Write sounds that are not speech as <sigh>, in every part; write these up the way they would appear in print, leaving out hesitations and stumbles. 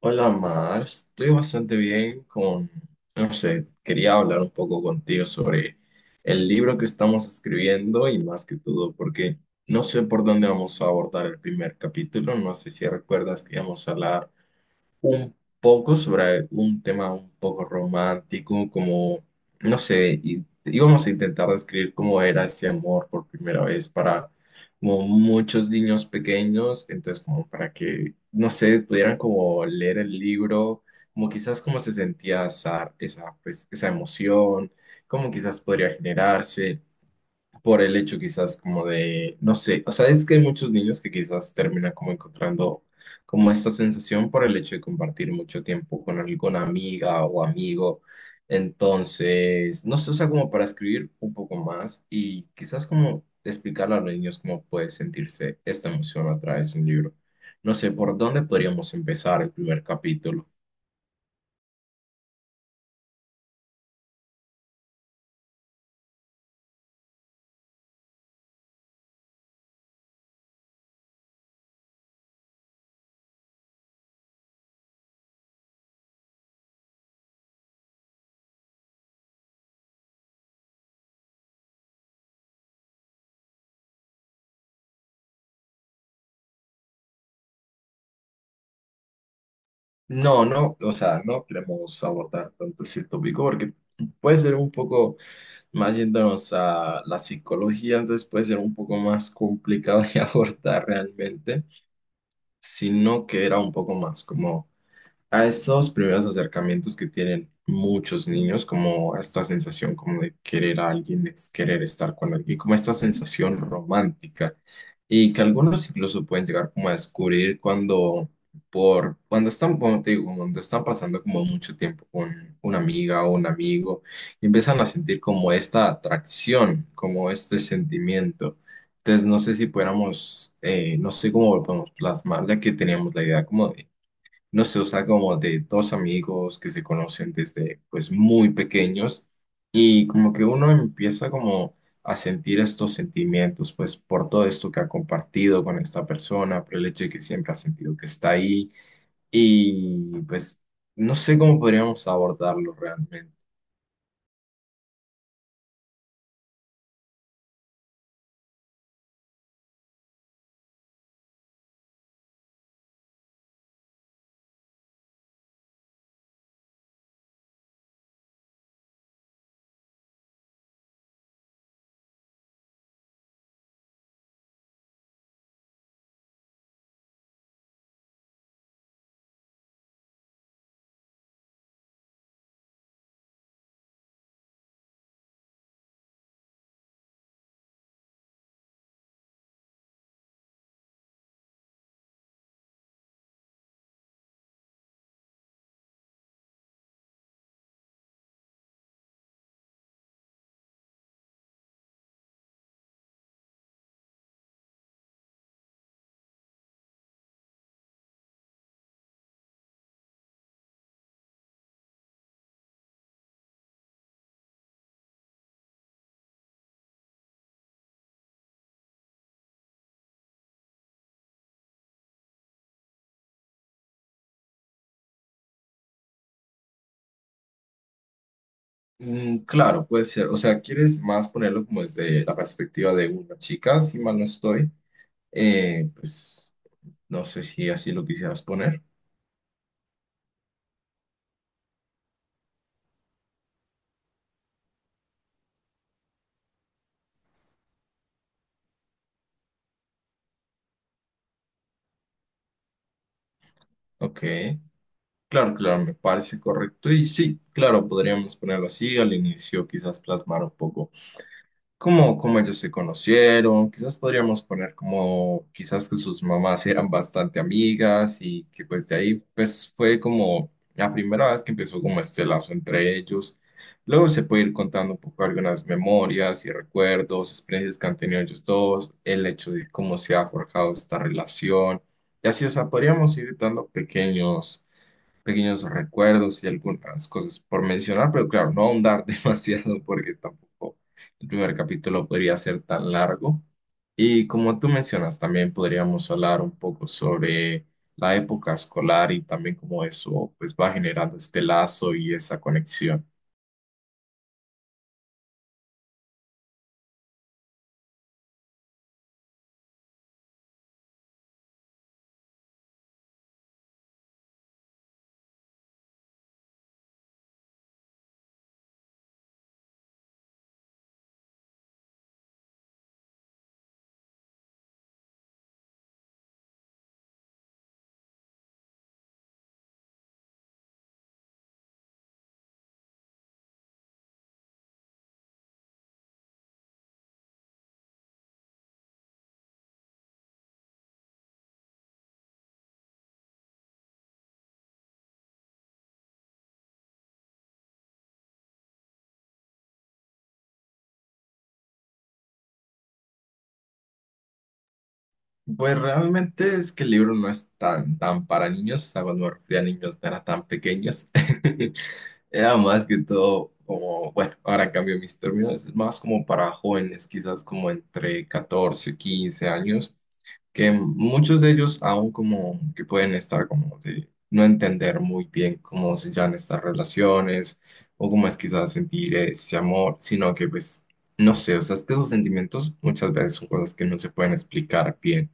Hola Mar, estoy bastante bien con, no sé, quería hablar un poco contigo sobre el libro que estamos escribiendo y más que todo porque no sé por dónde vamos a abordar el primer capítulo. No sé si recuerdas que íbamos a hablar un poco sobre un tema un poco romántico, como, no sé, y íbamos a intentar describir cómo era ese amor por primera vez para como muchos niños pequeños, entonces como para que, no sé, pudieran como leer el libro, como quizás cómo se sentía esa, pues, esa emoción, cómo quizás podría generarse por el hecho quizás como de, no sé, o sea, es que hay muchos niños que quizás terminan como encontrando como esta sensación por el hecho de compartir mucho tiempo con alguna amiga o amigo. Entonces, no sé, o sea, como para escribir un poco más y quizás como explicarle a los niños cómo puede sentirse esta emoción a través de un libro. No sé, ¿por dónde podríamos empezar el primer capítulo? No, no, o sea, no queremos abordar tanto ese tópico porque puede ser un poco más yéndonos a la psicología, entonces puede ser un poco más complicado de <laughs> abordar realmente, sino que era un poco más como a estos primeros acercamientos que tienen muchos niños, como esta sensación como de querer a alguien, de querer estar con alguien, como esta sensación romántica, y que algunos incluso pueden llegar como a descubrir cuando, por, cuando están, como te digo, cuando están pasando como mucho tiempo con una amiga o un amigo, y empiezan a sentir como esta atracción, como este sentimiento. Entonces, no sé si pudiéramos, no sé cómo lo podemos plasmar, ya que teníamos la idea como de no sé, o sea, como de dos amigos que se conocen desde pues muy pequeños y como que uno empieza como a sentir estos sentimientos pues por todo esto que ha compartido con esta persona, por el hecho de que siempre ha sentido que está ahí y pues no sé cómo podríamos abordarlo realmente. Mm, claro, puede ser, o sea, quieres más ponerlo como desde la perspectiva de una chica, si mal no estoy. Pues no sé si así lo quisieras poner. Ok. Claro, claro, me parece correcto. Y sí, claro, podríamos ponerlo así. Al inicio quizás plasmar un poco cómo, cómo ellos se conocieron. Quizás podríamos poner como, quizás que sus mamás eran bastante amigas y que pues de ahí pues fue como la primera vez que empezó como este lazo entre ellos. Luego se puede ir contando un poco algunas memorias y recuerdos, experiencias que han tenido ellos dos, el hecho de cómo se ha forjado esta relación. Y así, o sea, podríamos ir dando pequeños, pequeños recuerdos y algunas cosas por mencionar, pero claro, no ahondar <laughs> demasiado porque tampoco el primer capítulo podría ser tan largo. Y como tú mencionas, también podríamos hablar un poco sobre la época escolar y también cómo eso pues va generando este lazo y esa conexión. Pues realmente es que el libro no es tan, tan para niños, a cuando me refería a niños no era tan pequeños. <laughs> Era más que todo como, bueno, ahora cambio mis términos, es más como para jóvenes, quizás como entre 14 15 años que muchos de ellos aún como que pueden estar como de no entender muy bien cómo se llaman estas relaciones o cómo es quizás sentir ese amor, sino que pues no sé, o sea, es que esos sentimientos muchas veces son cosas que no se pueden explicar bien.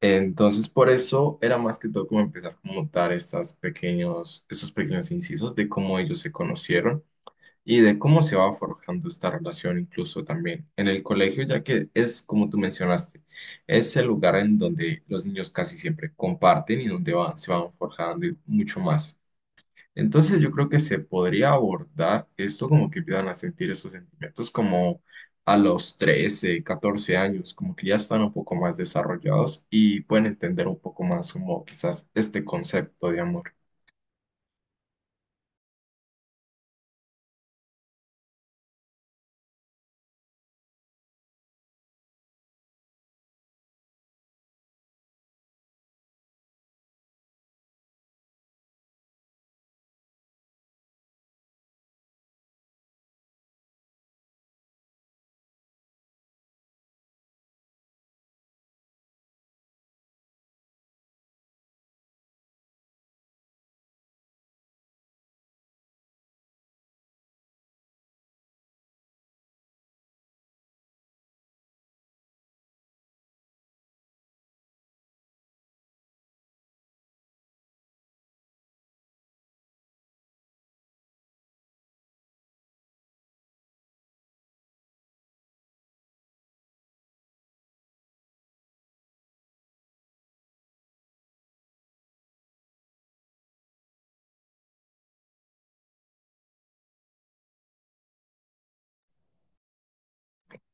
Entonces, por eso era más que todo como empezar como dar estas pequeños, esos pequeños incisos de cómo ellos se conocieron y de cómo se va forjando esta relación incluso también en el colegio, ya que es como tú mencionaste, es el lugar en donde los niños casi siempre comparten y donde van, se van forjando y mucho más. Entonces yo creo que se podría abordar esto como que empiezan a sentir esos sentimientos como a los 13, 14 años, como que ya están un poco más desarrollados y pueden entender un poco más como quizás este concepto de amor.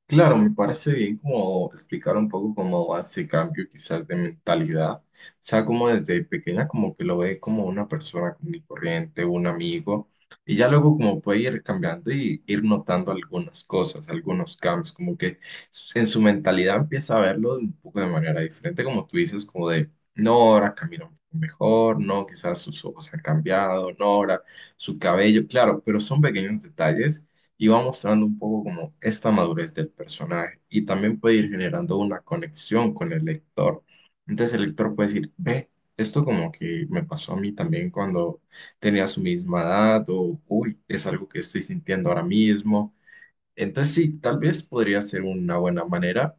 Claro, me parece bien como explicar un poco cómo hace cambio quizás de mentalidad. O sea, como desde pequeña como que lo ve como una persona común y corriente, un amigo, y ya luego como puede ir cambiando y ir notando algunas cosas, algunos cambios, como que s- en su mentalidad empieza a verlo un poco de manera diferente, como tú dices, como de, no, ahora camina un poco mejor, no, quizás sus ojos han cambiado, no, ahora su cabello, claro, pero son pequeños detalles y va mostrando un poco como esta madurez del personaje y también puede ir generando una conexión con el lector. Entonces el lector puede decir, ve, esto como que me pasó a mí también cuando tenía su misma edad o, uy, es algo que estoy sintiendo ahora mismo. Entonces sí, tal vez podría ser una buena manera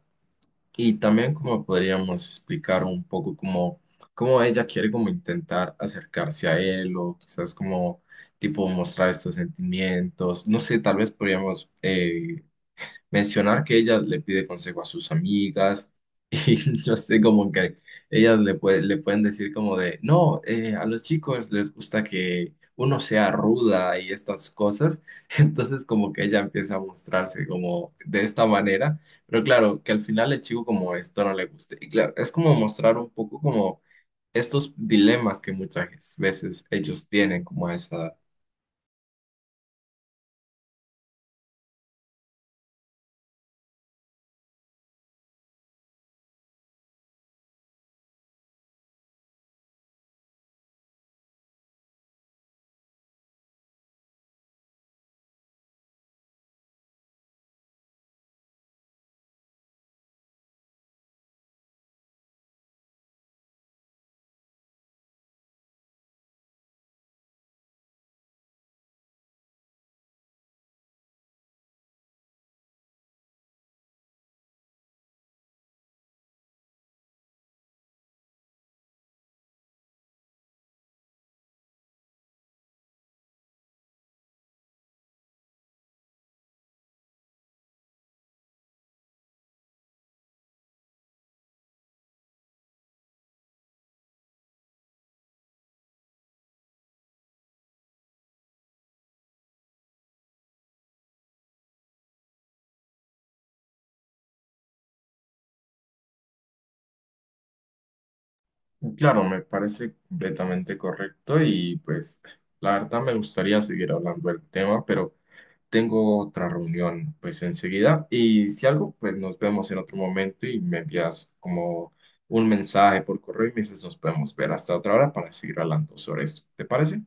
y también como podríamos explicar un poco cómo, cómo ella quiere como intentar acercarse a él o quizás como tipo mostrar estos sentimientos. No sé, tal vez podríamos mencionar que ella le pide consejo a sus amigas <laughs> y yo sé como que ellas le, pue- le pueden decir como de, no, a los chicos les gusta que uno sea ruda y estas cosas, <laughs> entonces como que ella empieza a mostrarse como de esta manera, pero claro, que al final el chico como esto no le guste y claro, es como mostrar un poco como estos dilemas que muchas veces ellos tienen como a esa Claro, me parece completamente correcto y pues la verdad me gustaría seguir hablando del tema, pero tengo otra reunión pues enseguida y si algo pues nos vemos en otro momento y me envías como un mensaje por correo y me dices nos podemos ver hasta otra hora para seguir hablando sobre esto. ¿Te parece?